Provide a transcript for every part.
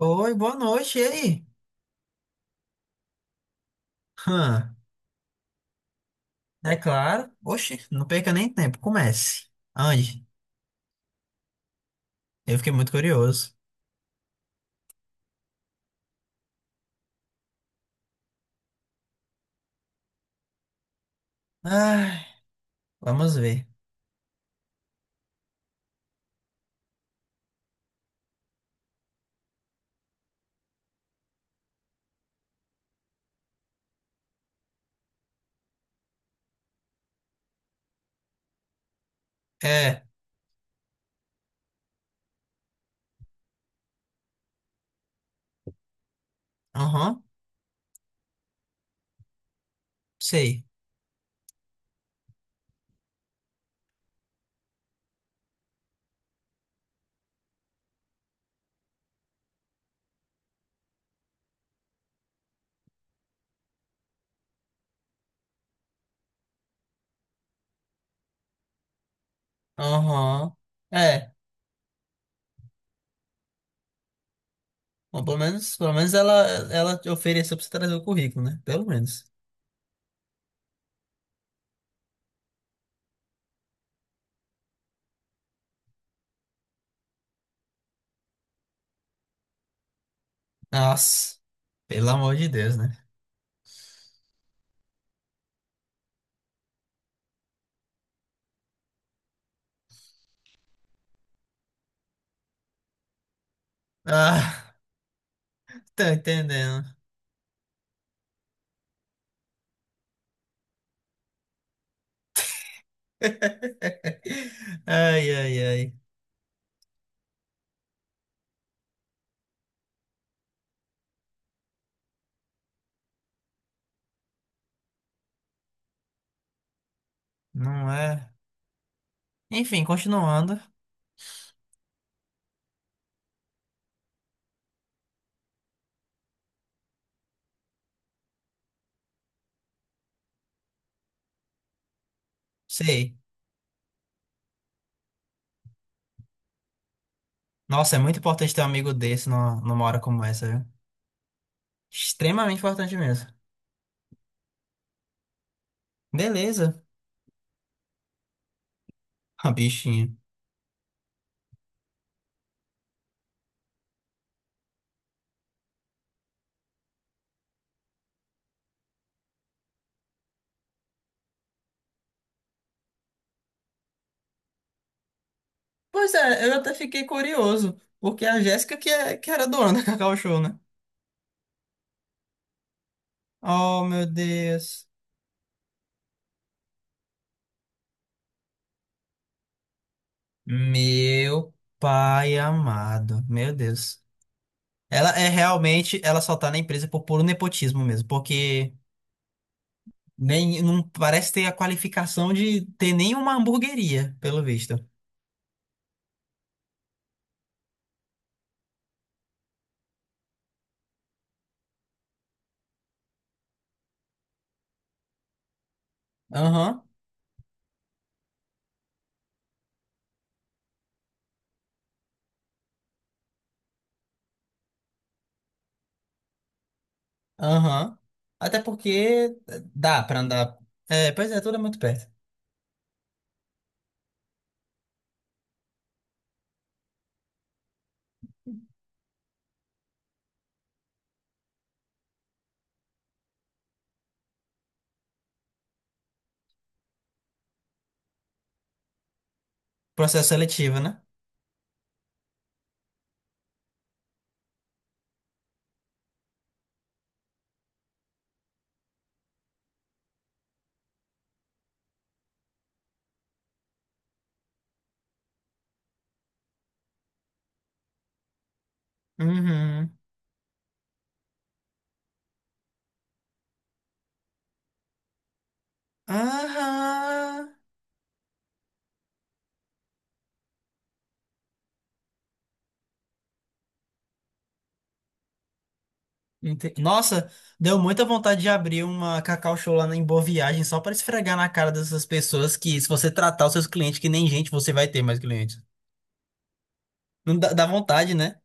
Oi, boa noite, e aí? Hã, é claro. Oxi, não perca nem tempo, comece. Ande, eu fiquei muito curioso. Ai, vamos ver. É, aham, sei. Aham, é. Bom, pelo menos, pelo menos ela te ofereceu pra você trazer o currículo, né? Pelo menos. Nossa, pelo amor de Deus, né? Ah, tô entendendo. Ai, ai, ai. Não é? Enfim, continuando. Sei. Nossa, é muito importante ter um amigo desse numa hora como essa, viu? Extremamente importante mesmo. Beleza. A bichinha. Pois é, eu até fiquei curioso, porque a Jéssica que, é, que era dona da Cacau Show, né? Oh, meu Deus. Meu pai amado. Meu Deus. Ela é realmente, ela só tá na empresa por puro nepotismo mesmo, porque nem, não parece ter a qualificação de ter nenhuma hamburgueria, pelo visto. Aham. Aham. Até porque dá pra andar. É, pois é, tudo é muito perto. Processo seletivo, né? Uhum. Aham. Nossa, deu muita vontade de abrir uma Cacau Show lá em Boa Viagem só pra esfregar na cara dessas pessoas que, se você tratar os seus clientes que nem gente, você vai ter mais clientes. Não dá, dá vontade, né?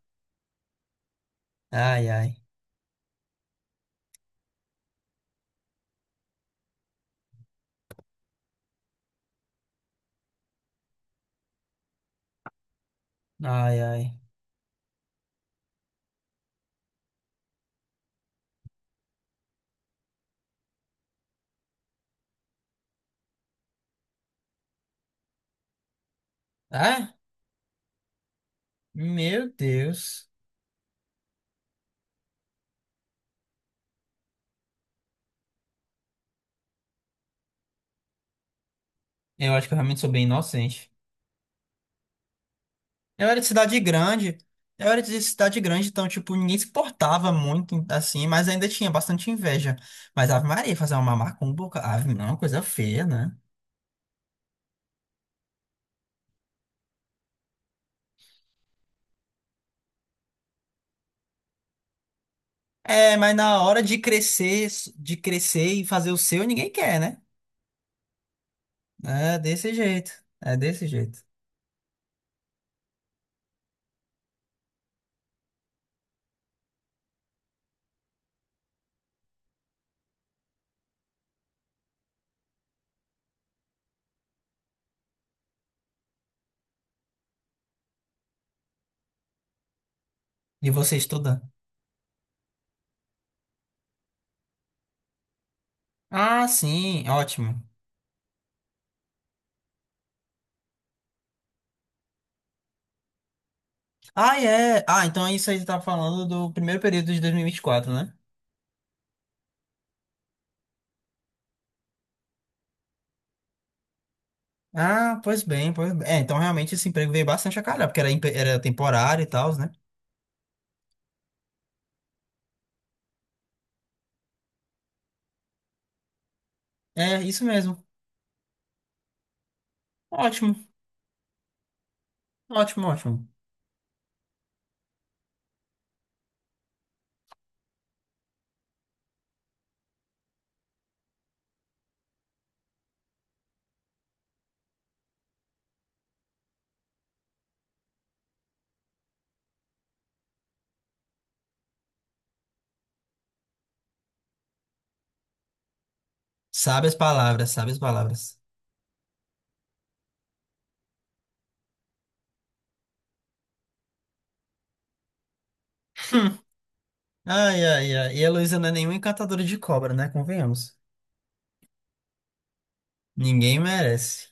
Ai, ai. Ai, ai. Ah, meu Deus. Eu acho que eu realmente sou bem inocente. Eu era de cidade grande, eu era de cidade grande, então, tipo, ninguém se portava muito, assim, mas ainda tinha bastante inveja. Mas Ave Maria, fazer uma macumba, ave, não, é uma coisa feia, né? É, mas na hora de crescer e fazer o seu, ninguém quer, né? É desse jeito, é desse jeito. E você estuda? Ah, sim, ótimo. Ah, é. Ah, então é isso aí você tá falando do primeiro período de 2024, né? Ah, pois bem, pois bem. É, então realmente esse emprego veio bastante a calhar, porque era, era temporário e tal, né? É, isso mesmo. Ótimo, ótimo, ótimo. Sabe as palavras, sabe as palavras. Ai, ai, ai. E a Luísa não é nenhuma encantadora de cobra, né? Convenhamos. Ninguém merece.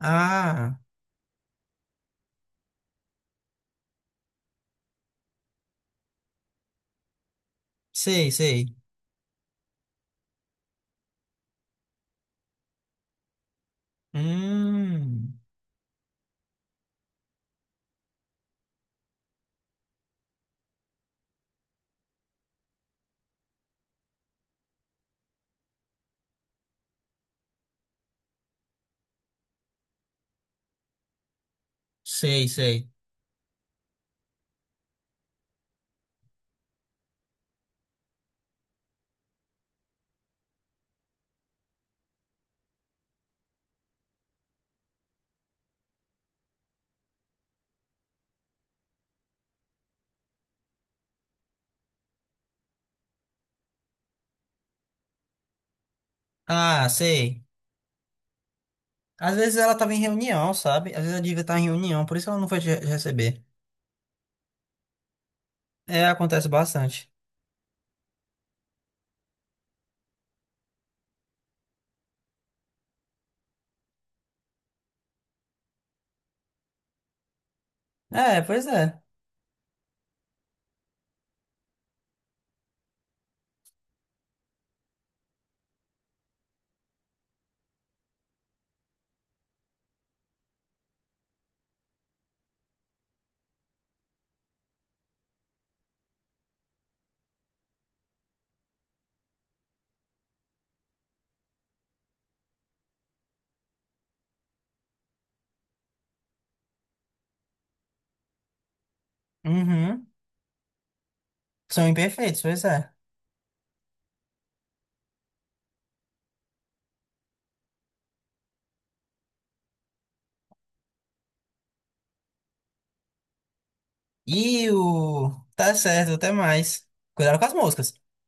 Ah, sei, sei. Hum, sei, sei. Ah, sei. Às vezes ela tava em reunião, sabe? Às vezes ela devia estar em reunião, por isso ela não foi te receber. É, acontece bastante. É, pois é. Uhum. São imperfeitos, pois é. E o. Tá certo, até mais. Cuidado com as moscas.